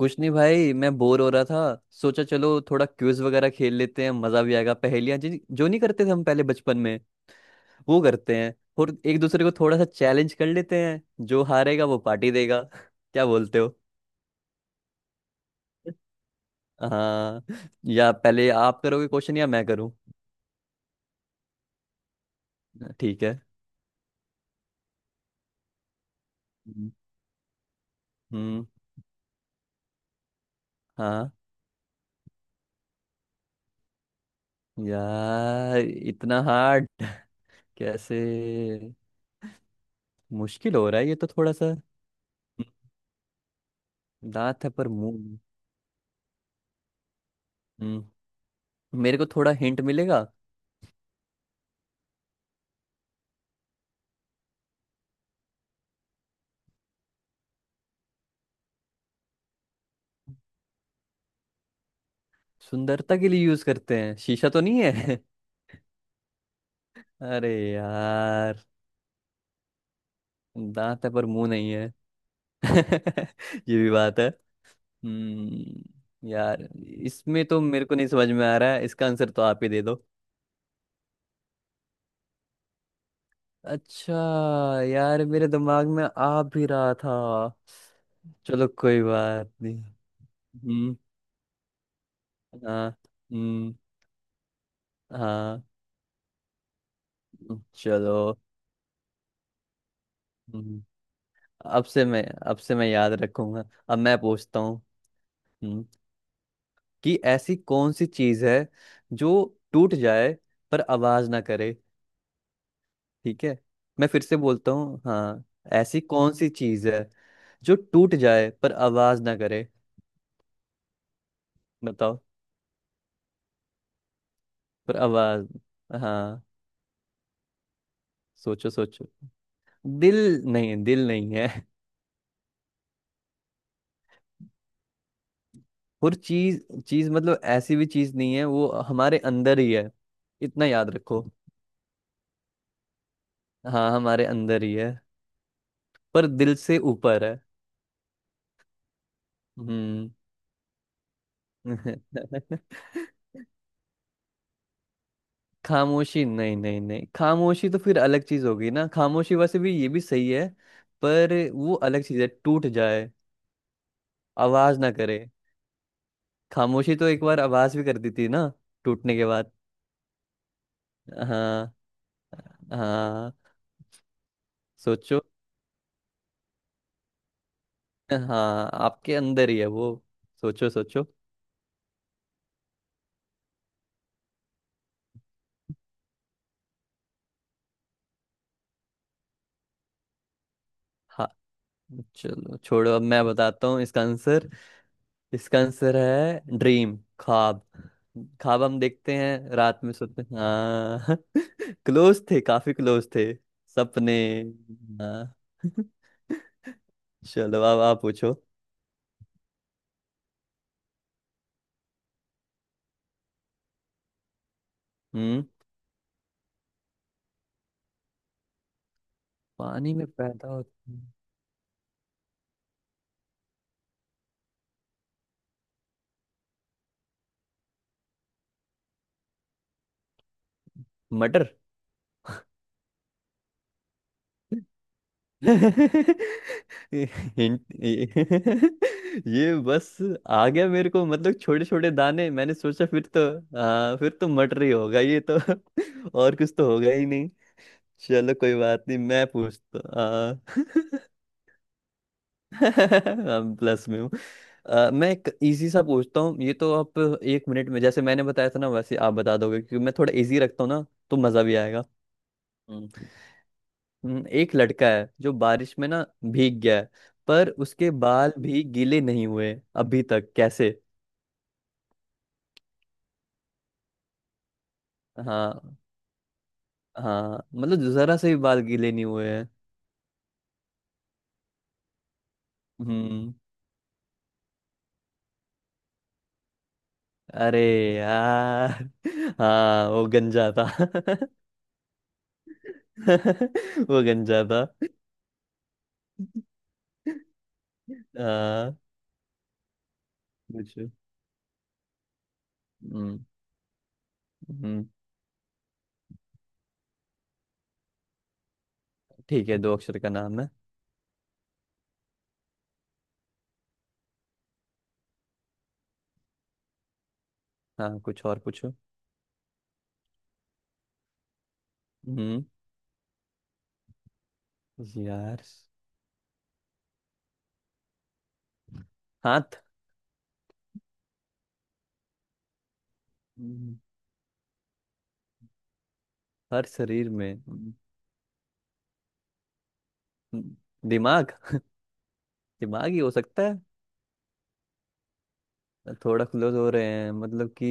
कुछ नहीं भाई, मैं बोर हो रहा था। सोचा चलो थोड़ा क्विज वगैरह खेल लेते हैं, मजा भी आएगा। पहेलियां जिन जो नहीं करते थे हम पहले बचपन में, वो करते हैं। और एक दूसरे को थोड़ा सा चैलेंज कर लेते हैं, जो हारेगा वो पार्टी देगा। क्या बोलते हो? हाँ, या पहले आप करोगे क्वेश्चन या मैं करूँ? ठीक है। हम्म। हम्म, हाँ। यार इतना हार्ड। कैसे? मुश्किल हो रहा है ये तो थोड़ा सा। दांत है पर मुंह नहीं। हम्म। मेरे को थोड़ा हिंट मिलेगा? सुंदरता के लिए यूज करते हैं, शीशा तो नहीं है। अरे यार। दांत है पर मुंह नहीं है। ये भी बात है। यार, इसमें तो मेरे को नहीं समझ में आ रहा है, इसका आंसर तो आप ही दे दो। अच्छा। यार मेरे दिमाग में आ भी रहा था। चलो कोई बात नहीं। हम्म। हाँ। हम्म। हाँ। चलो। हम्म, अब से मैं याद रखूंगा। अब मैं पूछता हूँ। हम्म, कि ऐसी कौन सी चीज है जो टूट जाए पर आवाज ना करे। ठीक है। मैं फिर से बोलता हूँ, हाँ। ऐसी कौन सी चीज है जो टूट जाए पर आवाज ना करे? बताओ। पर आवाज, हाँ। सोचो सोचो। दिल? नहीं, दिल नहीं है। और चीज, चीज मतलब ऐसी भी चीज नहीं है, वो हमारे अंदर ही है। इतना याद रखो। हाँ, हमारे अंदर ही है। पर दिल से ऊपर है। हम्म। खामोशी? नहीं नहीं नहीं, खामोशी तो फिर अलग चीज होगी ना। खामोशी वैसे भी, ये भी सही है, पर वो अलग चीज है। टूट जाए आवाज ना करे, खामोशी तो एक बार आवाज भी कर दी थी ना। टूटने के बाद। हाँ। हाँ। सोचो। हाँ आपके अंदर ही है वो। सोचो सोचो। हाँ, चलो छोड़ो अब मैं बताता हूँ इसका आंसर। इसका आंसर है ड्रीम, ख्वाब। ख्वाब हम देखते हैं, रात में सोते हैं। हाँ। क्लोज थे, काफी क्लोज थे। सपने। हाँ। चलो, अब आप पूछो। हम्म। पानी में पैदा होते हैं। मटर। हिंट ये बस आ गया मेरे को, मतलब छोटे छोटे दाने, मैंने सोचा फिर तो। हाँ फिर तो मटर ही होगा ये तो। और कुछ तो होगा ही। चलो कोई बात नहीं। मैं पूछता हम प्लस में हूँ। मैं एक इजी सा पूछता हूँ, ये तो आप एक मिनट में, जैसे मैंने बताया था ना वैसे आप बता दोगे, क्योंकि मैं थोड़ा इजी रखता हूँ ना तो मजा भी आएगा। हम्म, एक लड़का है जो बारिश में ना भीग गया है, पर उसके बाल भी गीले नहीं हुए अभी तक। कैसे? हाँ, हाँ मतलब जरा से भी बाल गीले नहीं हुए हैं। हम्म। अरे यार। हाँ वो गंजा था। वो गंजा था। आ, पूछो। हम्म। हम्म, ठीक है, दो अक्षर का नाम है। हाँ कुछ और पूछो। हम्म यार, हाथ? हम्म, हर शरीर में। हम्म, दिमाग? दिमाग ही हो सकता है। थोड़ा क्लोज हो रहे हैं मतलब कि।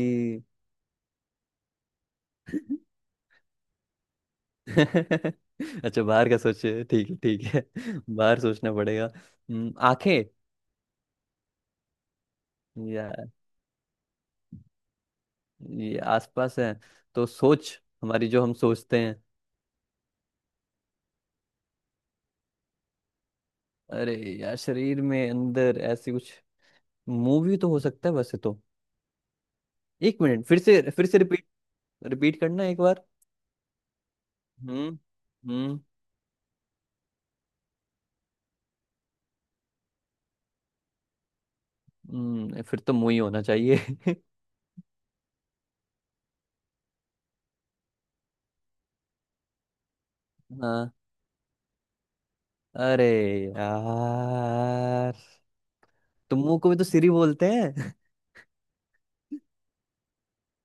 अच्छा बाहर का सोचे, ठीक है ठीक है। बाहर सोचना पड़ेगा। आंखें? यार, ये आसपास है? तो सोच, हमारी जो हम सोचते हैं। अरे यार, शरीर में अंदर ऐसी कुछ। मूवी तो हो सकता है वैसे तो। एक मिनट, फिर से रिपीट, रिपीट करना एक बार। हम्म। हम्म। हम्म, फिर तो मूवी होना चाहिए। हाँ। अरे यार, तो मुंह को भी तो सिरी बोलते हैं।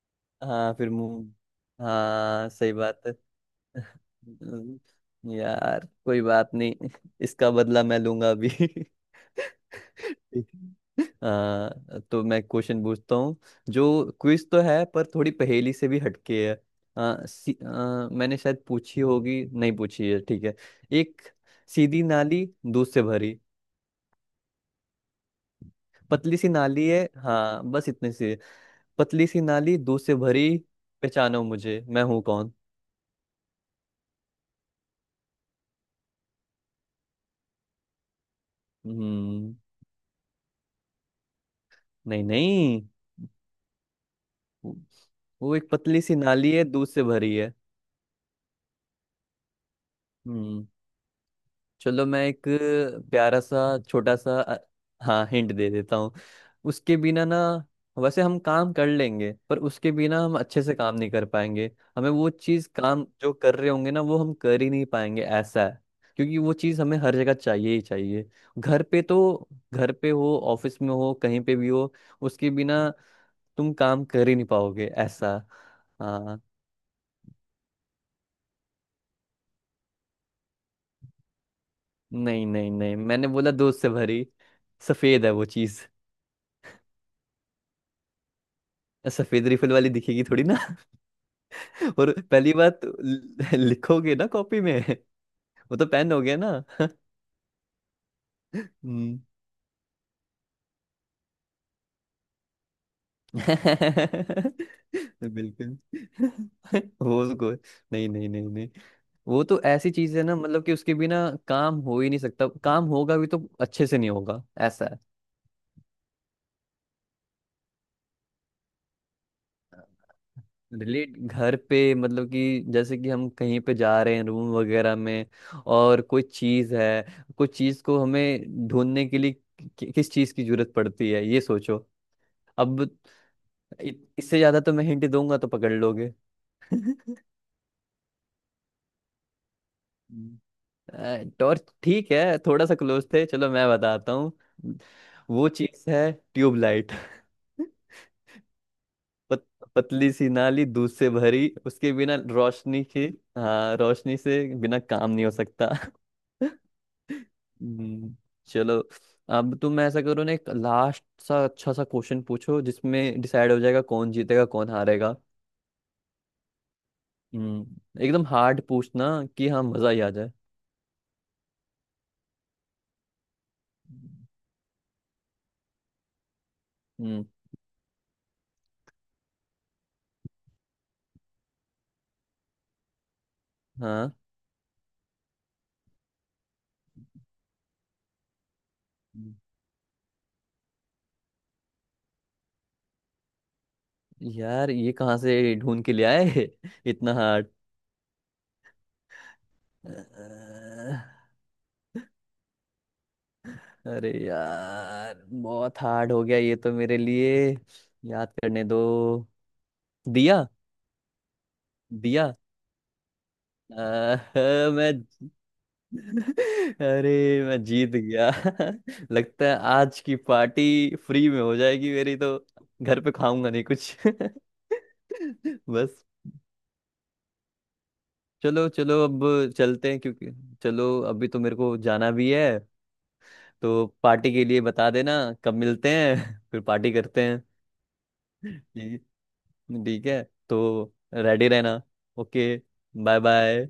हाँ फिर मुंह, हाँ सही बात है। हम्म, यार कोई बात नहीं। इसका बदला मैं लूंगा अभी। ठीक है। तो मैं क्वेश्चन पूछता हूँ जो क्विज तो है पर थोड़ी पहेली से भी हटके है। मैंने शायद पूछी होगी, नहीं पूछी है, ठीक है। एक सीधी नाली दूध से भरी। पतली सी नाली है, हाँ बस इतने से। पतली सी नाली दूध से भरी, पहचानो मुझे मैं हूँ कौन। हम्म। नहीं नहीं। वो वो एक पतली सी नाली है दूध से भरी है। हम्म। चलो मैं एक प्यारा सा छोटा सा हाँ हिंट दे देता हूँ। उसके बिना ना वैसे हम काम कर लेंगे, पर उसके बिना हम अच्छे से काम नहीं कर पाएंगे। हमें वो चीज़, काम जो कर रहे होंगे ना वो हम कर ही नहीं पाएंगे, ऐसा है। क्योंकि वो चीज़ हमें हर जगह चाहिए ही चाहिए। घर पे तो घर पे हो, ऑफिस में हो, कहीं पे भी हो, उसके बिना तुम काम कर ही नहीं पाओगे, ऐसा। हाँ। नहीं नहीं नहीं, मैंने बोला दूध से भरी, सफेद है वो चीज़। सफेद रिफिल वाली दिखेगी थोड़ी ना। और पहली बात तो लिखोगे ना कॉपी में। वो तो पेन हो गया ना। हम्म। बिल्कुल। वो उसको नहीं नहीं नहीं नहीं। वो तो ऐसी चीज है ना, मतलब कि उसके बिना काम हो ही नहीं सकता, काम होगा भी तो अच्छे से नहीं होगा, ऐसा है। रिलेट, घर पे, मतलब कि जैसे कि हम कहीं पे जा रहे हैं रूम वगैरह में, और कोई चीज है, कोई चीज को हमें ढूंढने के लिए किस चीज की जरूरत पड़ती है, ये सोचो अब। इ- इससे ज्यादा तो मैं हिंट दूंगा तो पकड़ लोगे। हम्म, टॉर्च? ठीक है, थोड़ा सा क्लोज थे, चलो मैं बताता हूँ, वो चीज है ट्यूबलाइट। पत, पतली सी नाली दूध से भरी, उसके बिना रोशनी की, हाँ रोशनी से बिना काम नहीं हो सकता। हम्म, चलो। अब तुम ऐसा करो ना, एक लास्ट सा अच्छा सा क्वेश्चन पूछो, जिसमें डिसाइड हो जाएगा कौन जीतेगा कौन हारेगा। हम्म, एकदम हार्ड पूछना, कि हाँ मजा ही आ जाए। हम्म। हाँ यार, ये कहाँ से ढूंढ के ले आए। इतना हार्ड। अरे यार बहुत हार्ड हो गया ये तो मेरे लिए। याद करने दो। दिया। दिया। आह, मैं। अरे मैं जीत गया। लगता है आज की पार्टी फ्री में हो जाएगी मेरी तो। घर पे खाऊंगा नहीं कुछ। बस। चलो चलो अब, चलते हैं क्योंकि चलो अभी तो मेरे को जाना भी है। तो पार्टी के लिए बता देना कब मिलते हैं। फिर पार्टी करते हैं। ठीक, ठीक है, तो रेडी रहना। ओके। Bye bye.